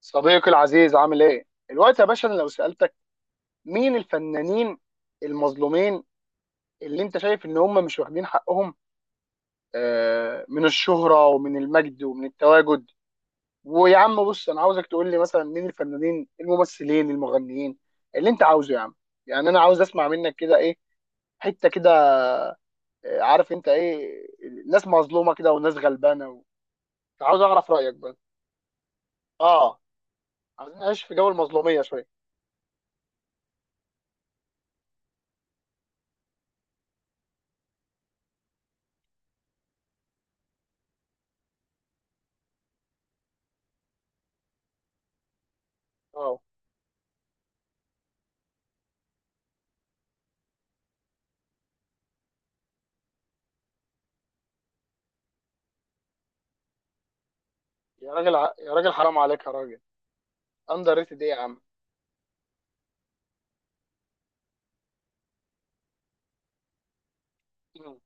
صديقي العزيز، عامل ايه؟ الوقت يا باشا، انا لو سألتك مين الفنانين المظلومين اللي انت شايف ان هم مش واخدين حقهم. من الشهرة ومن المجد ومن التواجد. ويا عم بص، انا عاوزك تقول لي مثلا مين الفنانين، الممثلين، المغنيين اللي انت عاوزه يا عم. يعني انا عاوز اسمع منك كده ايه، حتة كده. عارف انت ايه، ناس مظلومة كده وناس غلبانة عاوز اعرف رأيك بس. اه. عايزين نعيش في جو المظلومية شوية. اه. يا راجل حرام عليك يا راجل! اندر ريتد ايه يا عم؟ مم.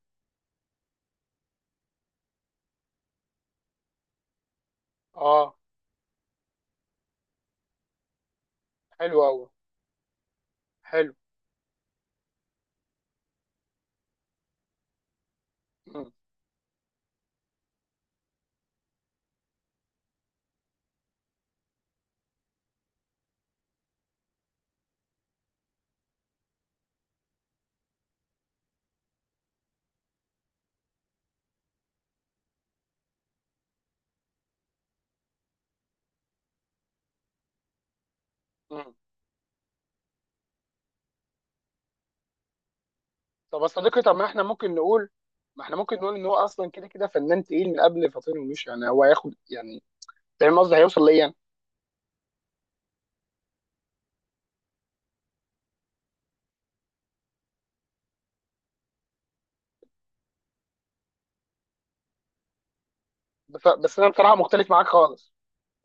اه. حلو قوي. حلو. مم. مم. طب يا صديقي، طب ما احنا ممكن نقول، ما احنا ممكن نقول ان هو اصلا كده كده فنان تقيل من قبل فاطين، ومش يعني هو هياخد يعني. فاهم قصدي، هيوصل ليا يعني. بس انا بصراحه مختلف معاك خالص،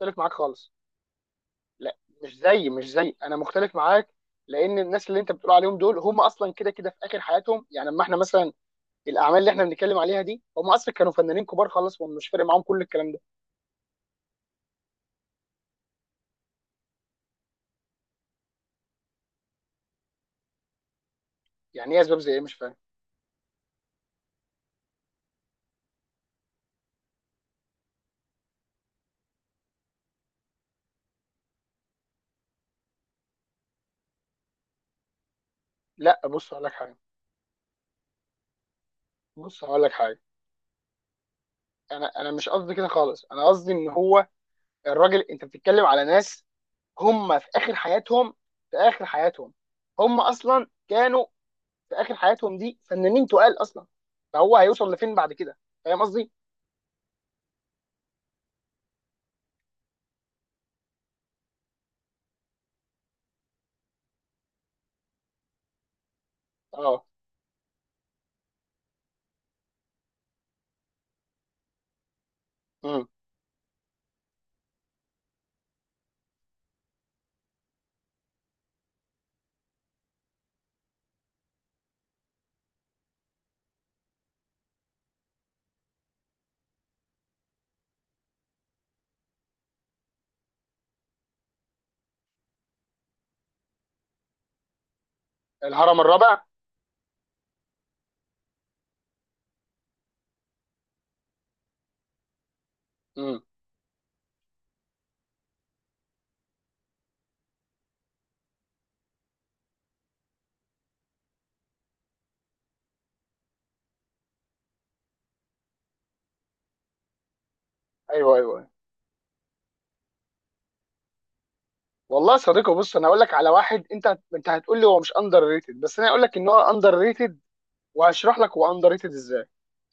مختلف معاك خالص. لا، مش زي انا مختلف معاك، لان الناس اللي انت بتقول عليهم دول هم اصلا كده كده في اخر حياتهم يعني. اما احنا مثلا الاعمال اللي احنا بنتكلم عليها دي، هم اصلا كانوا فنانين كبار خالص، ومش فارق معاهم كل الكلام ده. يعني ايه اسباب زي ايه؟ مش فاهم. لا، بص هقول لك حاجه، بص هقول لك حاجه. انا مش قصدي كده خالص، انا قصدي ان هو الراجل. انت بتتكلم على ناس هم في اخر حياتهم، في اخر حياتهم، هم اصلا كانوا في اخر حياتهم دي فنانين تقال اصلا، فهو هيوصل لفين بعد كده؟ فاهم قصدي. اه. امم. الهرم الرابع. امم. ايوه ايوه، أيوة. والله يا صديقي بص، انا هقول لك على واحد، انت هتقول لي هو مش اندر ريتد، بس انا هقول لك ان هو اندر ريتد، وهشرح لك هو اندر ريتد ازاي.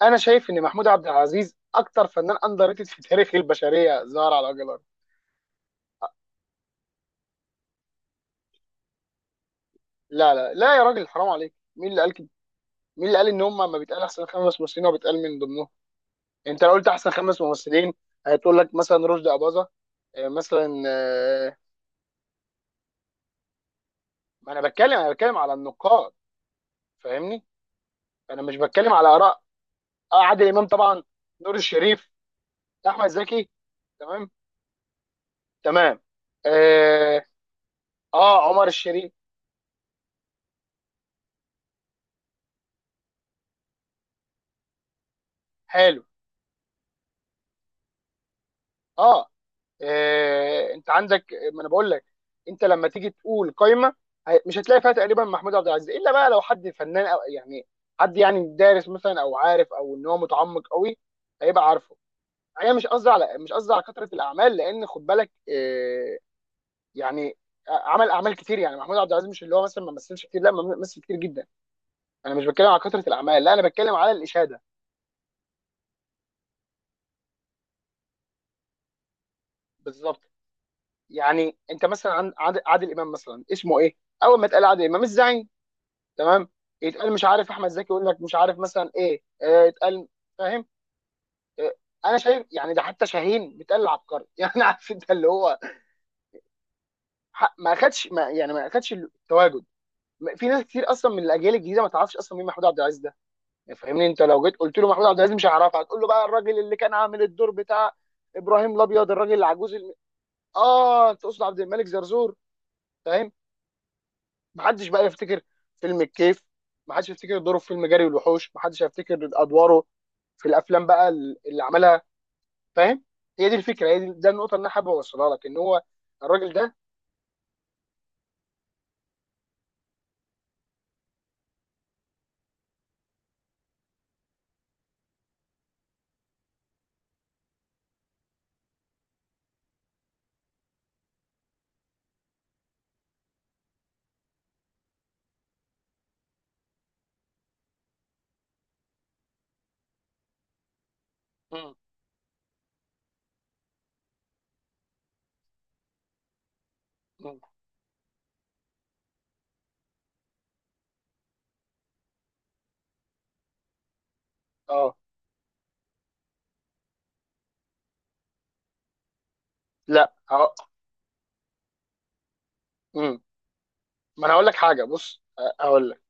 انا شايف ان محمود عبد العزيز اكتر فنان اندر ريتد في تاريخ البشريه ظهر على وجه الارض. لا لا لا يا راجل، حرام عليك! مين اللي قال كده؟ مين اللي قال ان هم ما بيتقال احسن خمس ممثلين وبيتقال من ضمنهم؟ انت لو قلت احسن خمس ممثلين، هتقول لك مثلا رشدي اباظه، مثلا، ما انا بتكلم انا بتكلم على النقاد، فاهمني؟ انا مش بتكلم على اراء. عادل امام طبعا. نور الشريف. احمد زكي. تمام. تمام. اه. عمر الشريف. حلو. اه. انت عندك، ما انا بقول لك، انت لما تيجي تقول قايمه، مش هتلاقي فيها تقريبا محمود عبد العزيز، الا بقى لو حد فنان او يعني حد يعني دارس مثلا، او عارف، او ان هو متعمق قوي، هيبقى عارفه. انا مش قصدي على، مش قصدي على كثره الاعمال، لان خد بالك يعني عمل اعمال كتير يعني. محمود عبد العزيز مش اللي هو مثلا ما مثلش كتير، لا، ما مثل كتير جدا. انا مش بتكلم على كثره الاعمال، لا، انا بتكلم على الاشاده. بالظبط. يعني انت مثلا عادل امام مثلا اسمه ايه؟ اول ما اتقال عادل امام الزعيم. تمام. يتقال مش عارف، احمد زكي يقول لك مش عارف مثلا ايه، يتقال. فاهم. آه، انا شايف يعني، ده حتى شاهين بيتقال عبقري يعني عارف انت اللي هو، ما اخدش، ما يعني ما اخدش التواجد. في ناس كتير اصلا من الاجيال الجديده ما تعرفش اصلا مين محمود عبد العزيز ده، يعني فاهمني؟ انت لو جيت قلت له محمود عبد العزيز، مش هيعرفها. هتقول له بقى الراجل اللي كان عامل الدور بتاع ابراهيم الابيض، الراجل العجوز، اه تقصد عبد الملك زرزور. فاهم. محدش بقى يفتكر فيلم الكيف، محدش يفتكر دوره في فيلم جري والوحوش، محدش هيفتكر ادواره في الافلام بقى اللي عملها. فاهم؟ هي دي الفكره، هي دي، ده النقطه اللي انا حابب اوصلها لك، ان هو الراجل ده. مم. مم. اه. لا، اه. مم. ما انا هقول لك حاجه بص، هقول لك،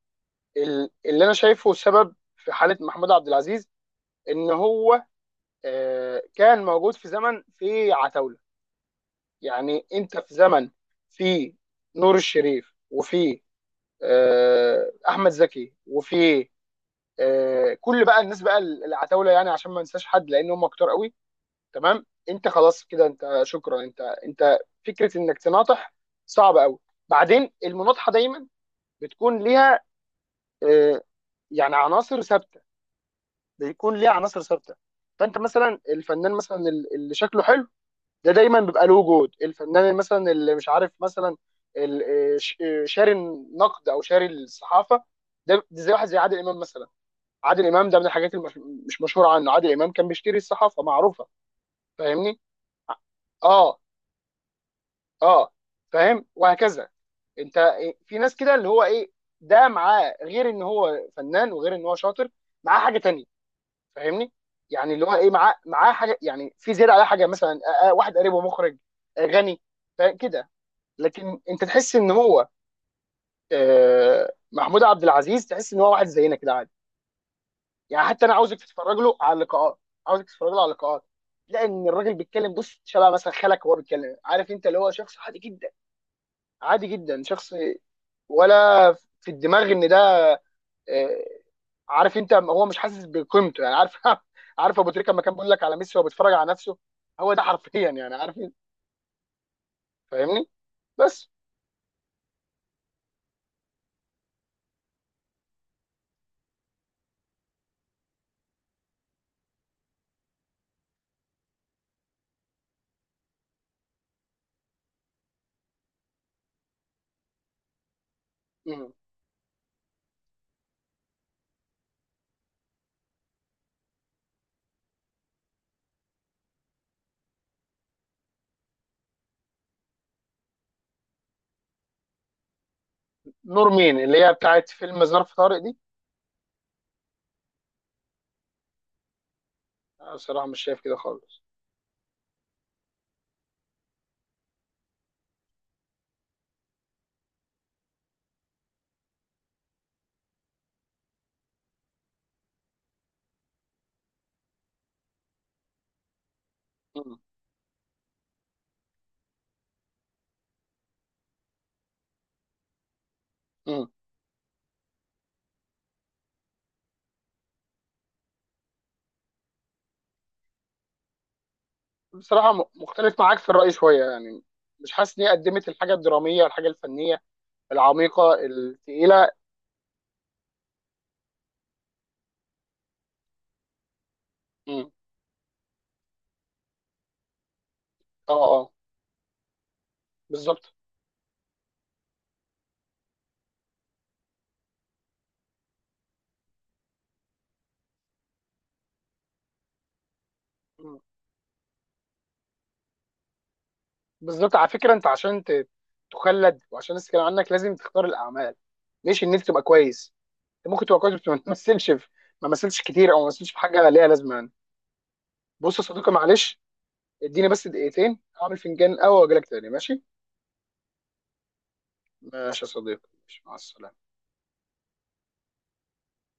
اللي انا شايفه سبب في حاله محمود عبد العزيز ان هو كان موجود في زمن في عتاوله. يعني انت في زمن، في نور الشريف، وفي احمد زكي، وفي كل بقى الناس بقى العتاوله، يعني عشان ما ننساش حد، لان هم كتار قوي. تمام. انت خلاص كده، انت شكرا، انت فكره انك تناطح صعب قوي. بعدين المناطحه دايما بتكون ليها آه، يعني عناصر ثابته، بيكون ليها عناصر ثابته. فانت مثلا الفنان مثلا اللي شكله حلو، ده دايما بيبقى له وجود. الفنان اللي مثلا اللي مش عارف مثلا شاري النقد او شاري الصحافه. ده زي واحد زي عادل امام مثلا. عادل امام ده من الحاجات اللي مش مش مشهوره عنه، عادل امام كان بيشتري الصحافه، معروفه. فاهمني؟ اه. اه. فاهم وهكذا. انت في ناس كده اللي هو ايه، ده معاه غير ان هو فنان وغير ان هو شاطر، معاه حاجه تانية. فاهمني؟ يعني اللي هو ايه، معاه حاجه يعني في زياده على حاجه، مثلا واحد قريبه مخرج، غني. كده. لكن انت تحس ان هو محمود عبد العزيز، تحس ان هو واحد زينا كده عادي. يعني حتى انا عاوزك تتفرج له على اللقاءات، عاوزك تتفرج له على اللقاءات، لان الراجل بيتكلم بص شبه مثلا خالك وهو بيتكلم. عارف انت اللي هو شخص عادي جدا، عادي جدا شخص. ولا في الدماغ ان ده آه، عارف انت، هو مش حاسس بقيمته يعني، عارف عارف ابو تريكه لما كان بيقول لك على ميسي وهو بيتفرج على نفسه؟ هو ده حرفيا يعني، عارف انت؟ فاهمني. بس. مم. نور مين، اللي هي بتاعت فيلم ظرف طارق دي؟ انا بصراحه مش شايف كده خالص. مم. مم. بصراحه مختلف معاك في الراي شويه يعني. مش حاسس ان هي قدمت الحاجه الدراميه، الحاجه الفنيه العميقه الثقيله. مم. اه. اه. بالظبط. بالظبط على فكره، انت عشان تخلد، وعشان الناس تتكلم عنك، لازم تختار الاعمال ليش ان انت تبقى كويس. انت ممكن تبقى كويس، بس ما تمثلش، في ما مثلش كتير، او ما مثلش في حاجه ليها لازمه يعني. بص يا صديقي معلش، اديني بس دقيقتين اعمل فنجان قهوه واجي لك تاني، ماشي؟ ماشي يا صديقي ماشي، مع السلامه.